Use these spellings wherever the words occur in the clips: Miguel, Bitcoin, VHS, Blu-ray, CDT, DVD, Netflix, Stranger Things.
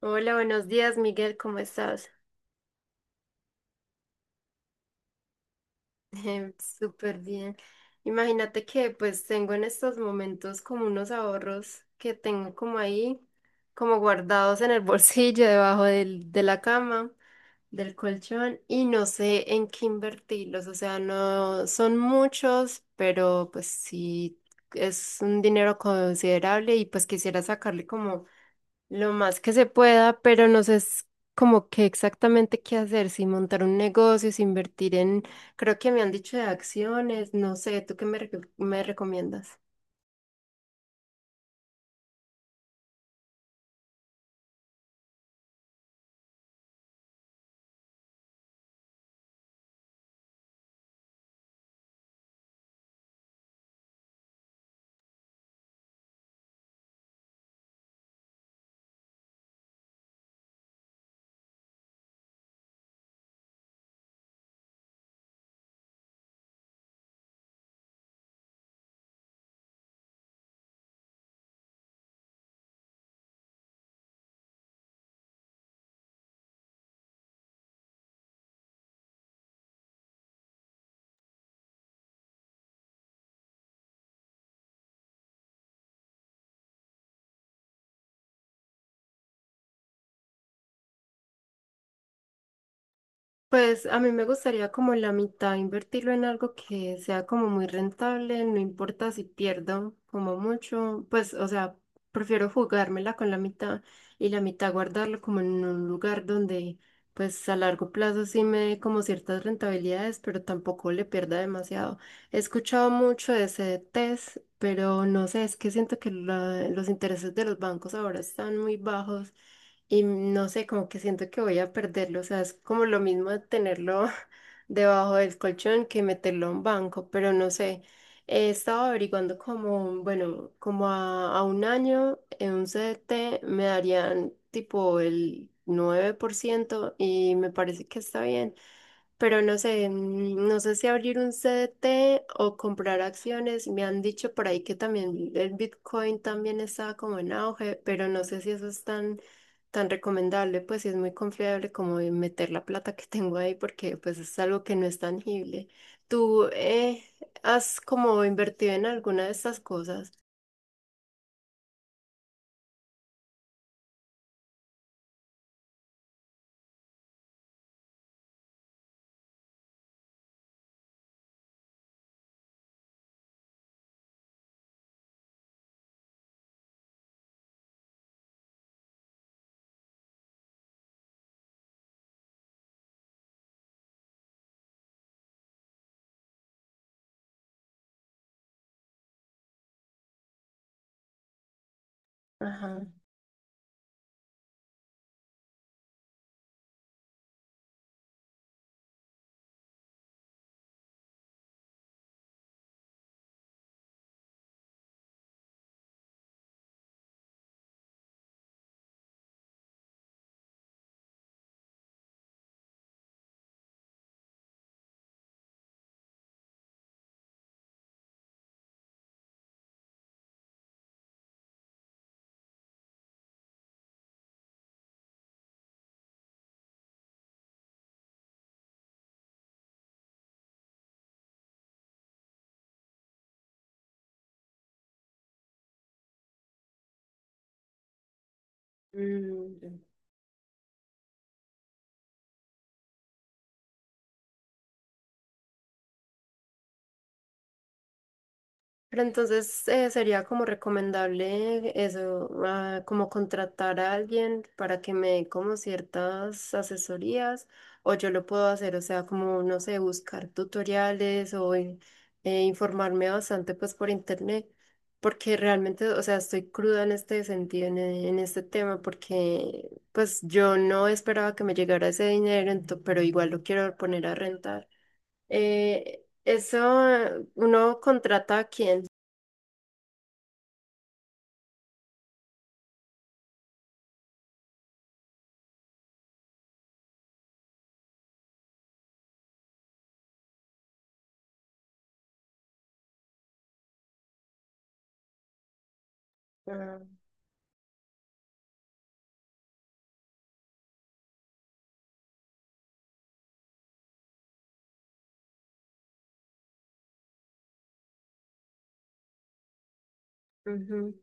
Hola, buenos días, Miguel, ¿cómo estás? Súper bien. Imagínate que pues tengo en estos momentos como unos ahorros que tengo como ahí, como guardados en el bolsillo, debajo de la cama, del colchón, y no sé en qué invertirlos. O sea, no son muchos, pero pues sí es un dinero considerable y pues quisiera sacarle como lo más que se pueda, pero no sé, es como qué exactamente qué hacer, si montar un negocio, si invertir en, creo que me han dicho de acciones, no sé, ¿tú qué me recomiendas? Pues a mí me gustaría como la mitad invertirlo en algo que sea como muy rentable, no importa si pierdo como mucho, pues o sea, prefiero jugármela con la mitad y la mitad guardarlo como en un lugar donde pues a largo plazo sí me dé como ciertas rentabilidades, pero tampoco le pierda demasiado. He escuchado mucho de ese test, pero no sé, es que siento que los intereses de los bancos ahora están muy bajos y no sé, como que siento que voy a perderlo, o sea, es como lo mismo de tenerlo debajo del colchón que meterlo a un banco, pero no sé, he estado averiguando como, bueno, como a un año en un CDT me darían tipo el 9% y me parece que está bien. Pero no sé si abrir un CDT o comprar acciones. Me han dicho por ahí que también el Bitcoin también estaba como en auge, pero no sé si eso es tan, tan recomendable, pues si es muy confiable como de meter la plata que tengo ahí porque pues es algo que no es tangible. ¿Tú has como invertido en alguna de estas cosas? Ajá. Mm. Pero entonces, sería como recomendable eso, ah, como contratar a alguien para que me dé como ciertas asesorías o yo lo puedo hacer, o sea, como, no sé, buscar tutoriales o informarme bastante pues por internet, porque realmente, o sea, estoy cruda en este sentido, en, en este tema, porque pues yo no esperaba que me llegara ese dinero, pero igual lo quiero poner a rentar. Eso, ¿uno contrata a quién? Ah. Ujú,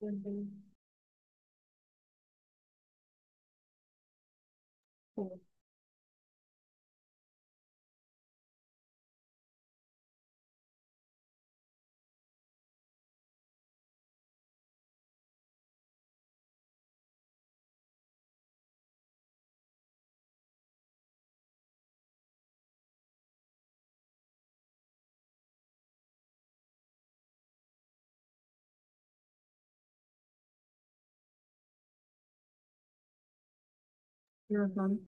ujú, ujú, ujú.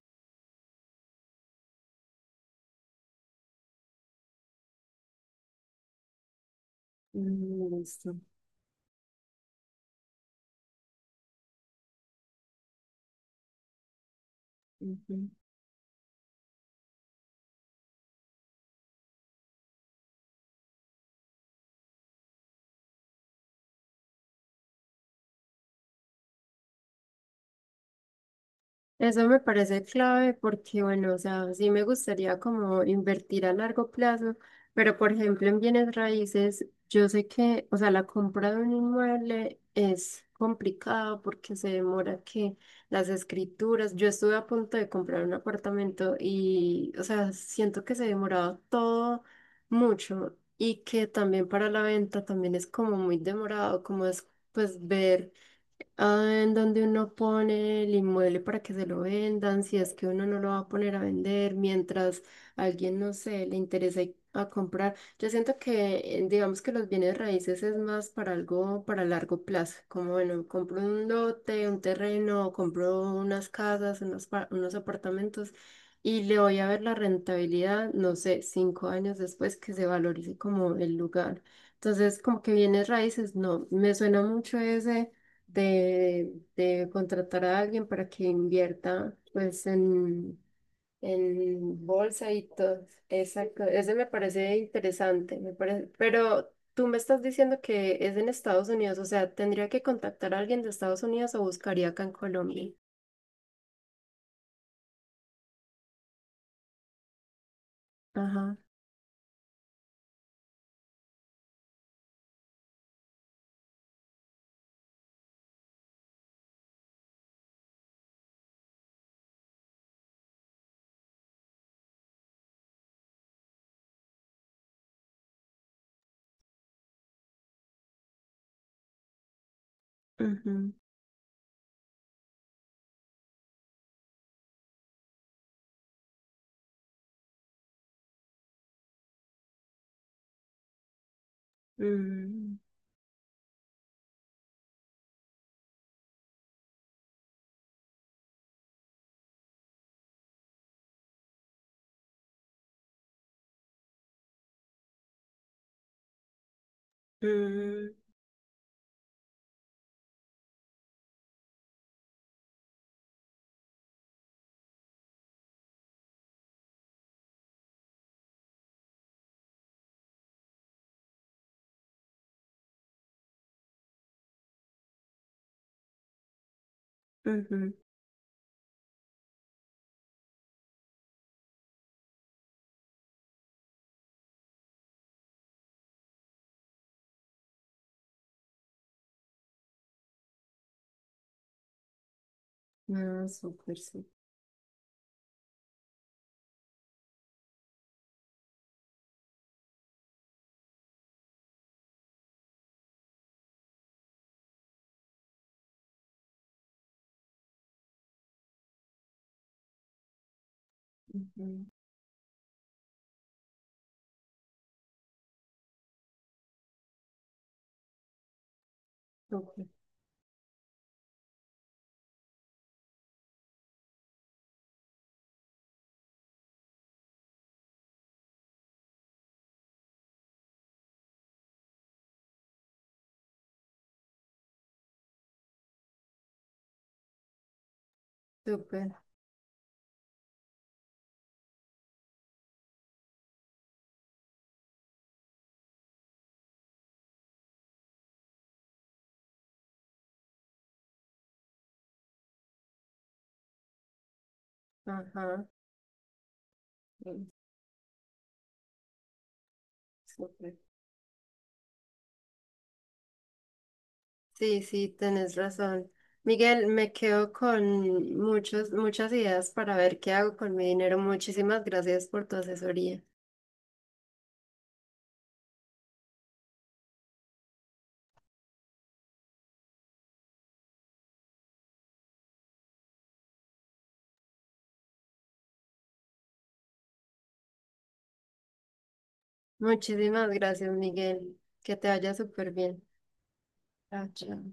Mm. Listo. Ujú. Eso me parece clave porque, bueno, o sea, sí me gustaría como invertir a largo plazo, pero por ejemplo en bienes raíces, yo sé que, o sea, la compra de un inmueble es complicado porque se demora que las escrituras, yo estuve a punto de comprar un apartamento y, o sea, siento que se demoraba todo mucho y que también para la venta también es como muy demorado, como es pues ver ah, en donde uno pone el inmueble para que se lo vendan, si es que uno no lo va a poner a vender, mientras a alguien, no sé, le interesa a comprar. Yo siento que, digamos que los bienes raíces es más para algo, para largo plazo, como bueno, compro un lote, un terreno, compro unas casas, unos, unos apartamentos y le voy a ver la rentabilidad, no sé, 5 años después que se valorice como el lugar. Entonces, como que bienes raíces, no, me suena mucho ese de contratar a alguien para que invierta pues en bolsa y todo. Exacto, ese me parece interesante, me parece, pero tú me estás diciendo que es en Estados Unidos, o sea, tendría que contactar a alguien de Estados Unidos o buscaría acá en Colombia. Ajá. Ujú. Mm. Mm. Ujú. Ah, súper, sí. Ujú. Súper, súper. Ajá. Mm, súper. Sí, sí, tenés razón. Miguel, me quedo con muchos, muchas ideas para ver qué hago con mi dinero. Muchísimas gracias por tu asesoría. Muchísimas gracias, Miguel. Que te vaya súper bien. Chao, chao.